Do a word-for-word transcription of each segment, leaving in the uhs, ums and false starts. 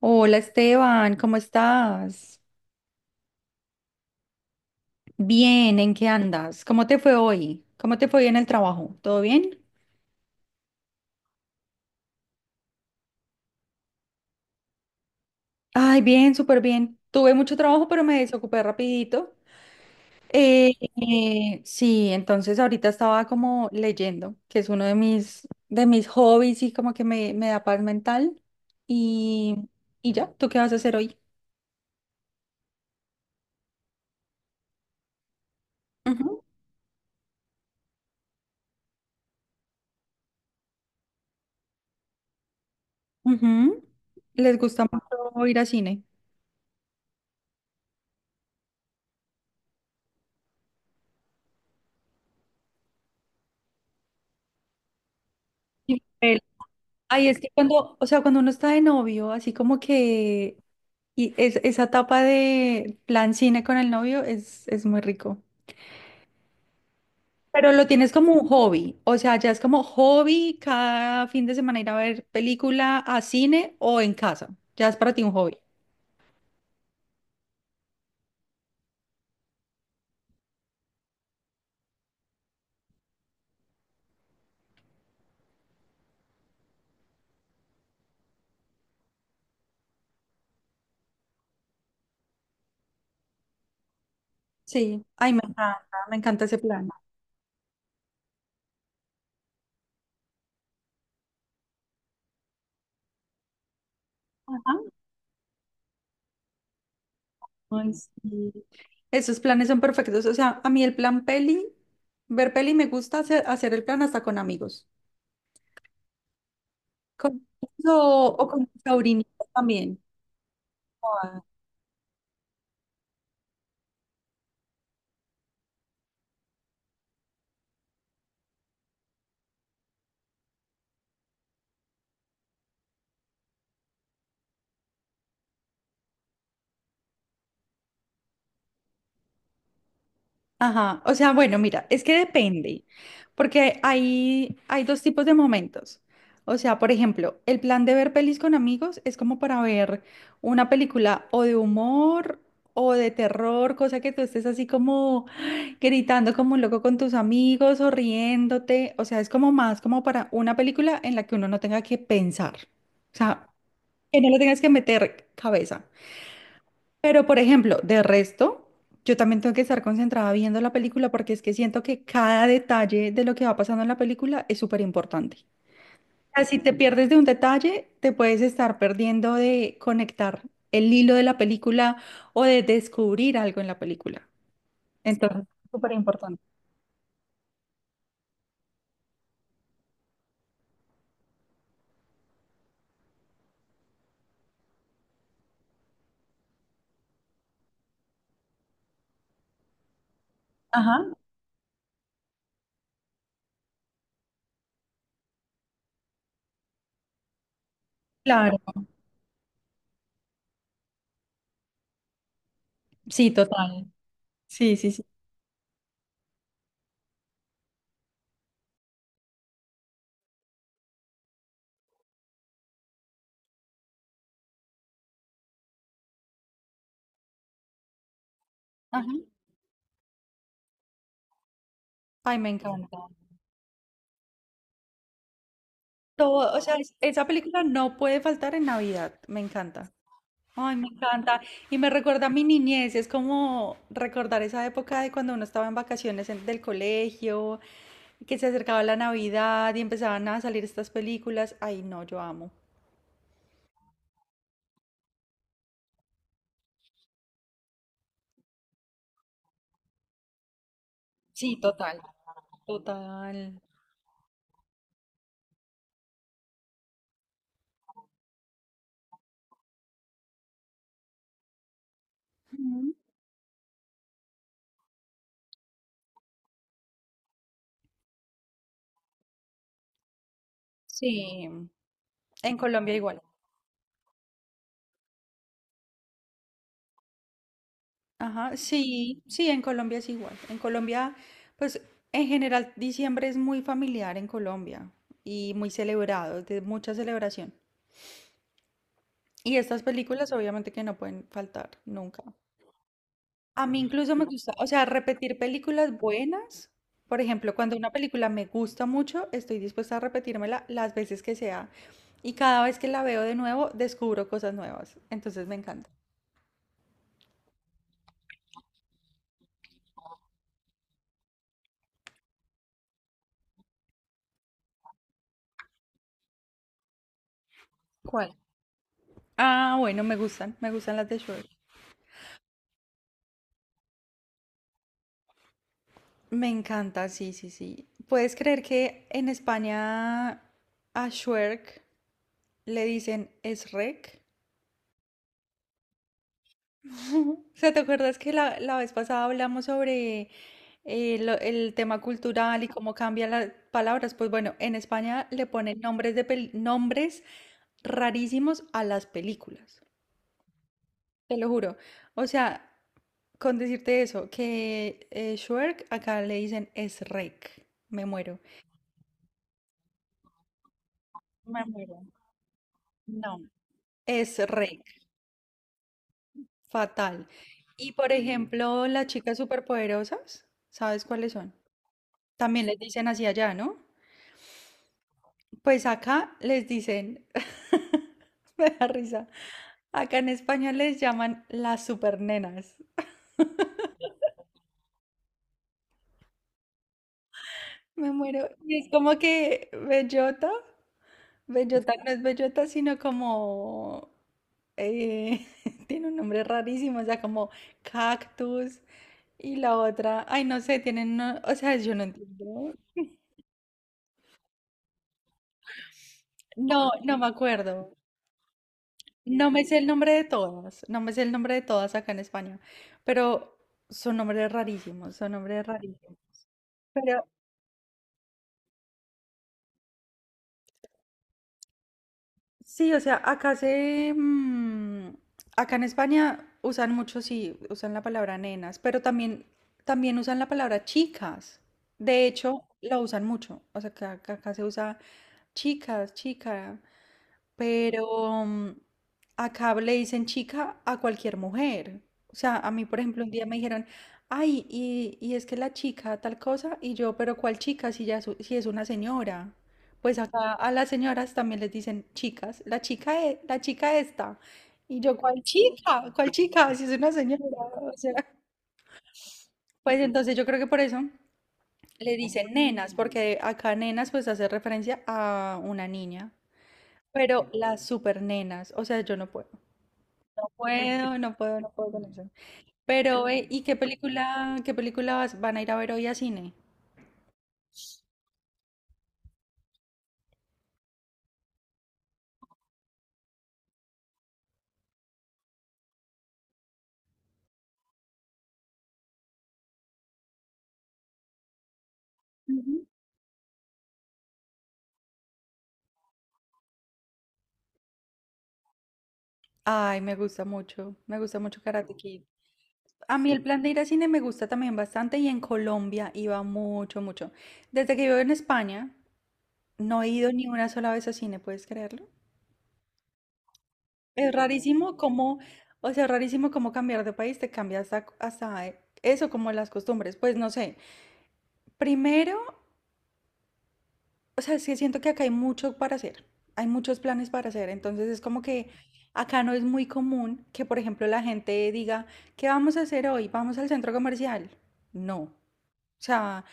Hola Esteban, ¿cómo estás? Bien, ¿en qué andas? ¿Cómo te fue hoy? ¿Cómo te fue hoy en el trabajo? ¿Todo bien? Ay, bien, súper bien. Tuve mucho trabajo, pero me desocupé rapidito. Eh, eh, sí, entonces ahorita estaba como leyendo, que es uno de mis, de mis hobbies y como que me, me da paz mental. Y, y ya, ¿tú qué vas a hacer hoy? Ujú, ujú. ¿Les gusta mucho ir al cine? Ay, es que cuando, o sea, cuando uno está de novio, así como que y es- esa etapa de plan cine con el novio es, es muy rico. Pero lo tienes como un hobby, o sea, ya es como hobby cada fin de semana ir a ver película a cine o en casa. Ya es para ti un hobby. Sí, ay, me encanta, me encanta ese plan. Ajá. Ay, sí. Esos planes son perfectos. O sea, a mí el plan peli, ver peli me gusta hacer, hacer el plan hasta con amigos. Con, o, o con sobrinitos también. Ah, ajá, o sea, bueno, mira, es que depende, porque hay, hay dos tipos de momentos. O sea, por ejemplo, el plan de ver pelis con amigos es como para ver una película o de humor o de terror, cosa que tú estés así como gritando como un loco con tus amigos o riéndote. O sea, es como más como para una película en la que uno no tenga que pensar. O sea, que no le tengas que meter cabeza. Pero, por ejemplo, de resto, yo también tengo que estar concentrada viendo la película porque es que siento que cada detalle de lo que va pasando en la película es súper importante. O sea, si te pierdes de un detalle, te puedes estar perdiendo de conectar el hilo de la película o de descubrir algo en la película. Entonces, súper importante. Ajá. Claro. Sí, total. Sí, sí, sí. Ajá. Ay, me encanta. Todo, o sea, es- esa película no puede faltar en Navidad. Me encanta. Ay, me encanta. Y me recuerda a mi niñez. Es como recordar esa época de cuando uno estaba en vacaciones en- del colegio, que se acercaba la Navidad y empezaban a salir estas películas. Ay, no, yo amo. Sí, total. Total. Ujú. Sí. En Colombia igual. Ajá, sí, sí, en Colombia es igual. En Colombia, pues en general diciembre es muy familiar en Colombia y muy celebrado, de mucha celebración. Y estas películas obviamente que no pueden faltar nunca. A mí incluso me gusta, o sea, repetir películas buenas. Por ejemplo, cuando una película me gusta mucho, estoy dispuesta a repetírmela las veces que sea. Y cada vez que la veo de nuevo, descubro cosas nuevas. Entonces me encanta. ¿Cuál? Ah, bueno, me gustan, me gustan las de Shrek. Me encanta, sí, sí, sí. ¿Puedes creer que en España a Shrek le dicen Shrek? O sea, ¿te acuerdas que la, la vez pasada hablamos sobre eh, lo- el tema cultural y cómo cambian las palabras? Pues bueno, en España le ponen nombres de pel- nombres rarísimos a las películas. Te lo juro. O sea, con decirte eso, que eh, Shrek, acá le dicen es rec. Me muero. Me muero. No, es rec. Fatal. Y por ejemplo, las chicas superpoderosas, ¿sabes cuáles son? También les dicen así allá, ¿no? Pues acá les dicen, me da risa, acá en España les llaman las supernenas. Me muero. Y es como que bellota, bellota no es bellota, sino como, eh, tiene un nombre rarísimo, o sea, como cactus y la otra, ay, no sé, tienen, uno- o sea, yo no entiendo. No, no me acuerdo. No me sé el nombre de todas, no me sé el nombre de todas acá en España, pero son nombres rarísimos, son nombres rarísimos. Pero sí, o sea, acá se, mm, acá en España usan mucho, sí, usan la palabra nenas, pero también, también usan la palabra chicas. De hecho, la usan mucho. O sea, que acá, acá se usa chicas, chica. Pero mm, acá le dicen chica a cualquier mujer. O sea, a mí, por ejemplo, un día me dijeron, ay, y, y es que la chica tal cosa, y yo, pero ¿cuál chica si ya es, u- si es una señora? Pues acá a las señoras también les dicen chicas, la chica e- la chica esta. Y yo, ¿cuál chica? ¿Cuál chica? Si es una señora. O sea, pues entonces yo creo que por eso le dicen nenas, porque acá nenas pues hace referencia a una niña. Pero las super nenas, o sea, yo no puedo. No puedo, no puedo, no puedo con eso. Pero, eh, ¿y qué película, qué película vas- van a ir a ver hoy a cine? Ay, me gusta mucho, me gusta mucho Karate Kid. A mí el plan de ir a cine me gusta también bastante y en Colombia iba mucho, mucho. Desde que vivo en España, no he ido ni una sola vez a cine, ¿puedes creerlo? Es rarísimo cómo, o sea, rarísimo cómo cambiar de país te cambia hasta, hasta eh, eso, como las costumbres. Pues no sé. Primero, o sea, es que siento que acá hay mucho para hacer, hay muchos planes para hacer, entonces es como que acá no es muy común que, por ejemplo, la gente diga, ¿qué vamos a hacer hoy? ¿Vamos al centro comercial? No. O sea,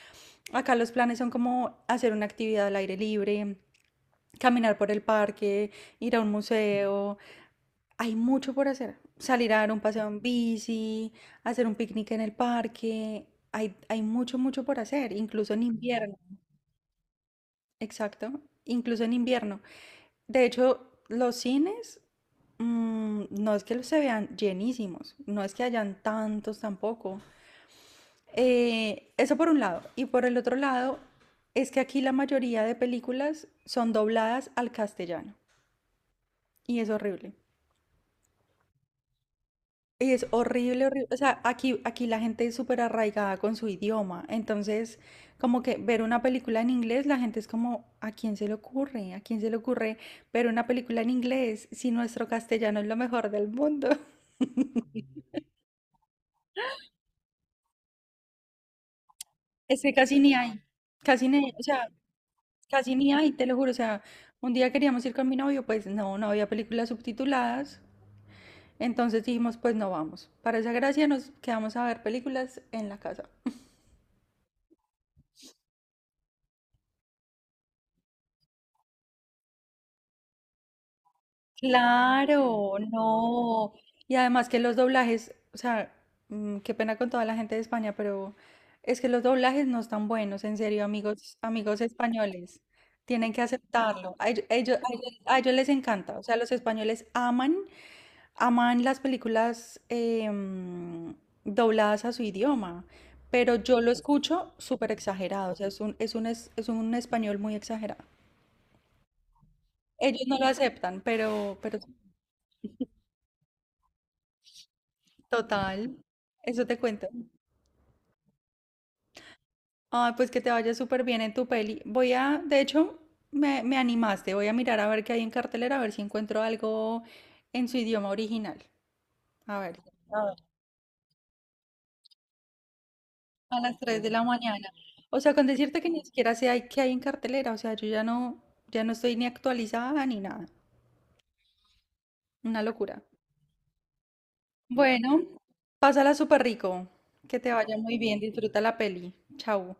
acá los planes son como hacer una actividad al aire libre, caminar por el parque, ir a un museo, hay mucho por hacer, salir a dar un paseo en bici, hacer un picnic en el parque, hay, hay mucho, mucho por hacer, incluso en invierno, exacto, incluso en invierno. De hecho, los cines, mm, no es que los se vean llenísimos, no es que hayan tantos tampoco. Eh, eso por un lado. Y por el otro lado, es que aquí la mayoría de películas son dobladas al castellano. Y es horrible. Y es horrible, horrible. O sea, aquí, aquí la gente es súper arraigada con su idioma. Entonces, como que ver una película en inglés, la gente es como, ¿a quién se le ocurre? ¿A quién se le ocurre ver una película en inglés si nuestro castellano es lo mejor del mundo? Es que casi ni hay, casi ni, o sea, casi ni hay, te lo juro, o sea, un día queríamos ir con mi novio, pues no, no había películas subtituladas, entonces dijimos, pues no vamos. Para esa gracia nos quedamos a ver películas en la casa. Claro, no. Y además que los doblajes, o sea, mm, qué pena con toda la gente de España, pero es que los doblajes no están buenos, en serio, amigos, amigos españoles. Tienen que aceptarlo. A ellos, a ellos- a ellos- a ellos les encanta. O sea, los españoles aman aman las películas em, dobladas a su idioma, pero yo lo escucho súper exagerado, o sea, es un, es un, es, es un español muy exagerado. Ellos no lo aceptan, pero, pero total, eso te cuento. Ay, pues que te vaya súper bien en tu peli. Voy a, de hecho, me, me animaste, voy a mirar a ver qué hay en cartelera, a ver si encuentro algo en su idioma original. A ver. A las tres de la mañana. O sea, con decirte que ni siquiera sé hay- qué hay en cartelera, o sea, yo ya no, ya no estoy ni actualizada ni nada. Una locura. Bueno, pásala súper rico. Que te vaya muy bien, disfruta la peli. Chau.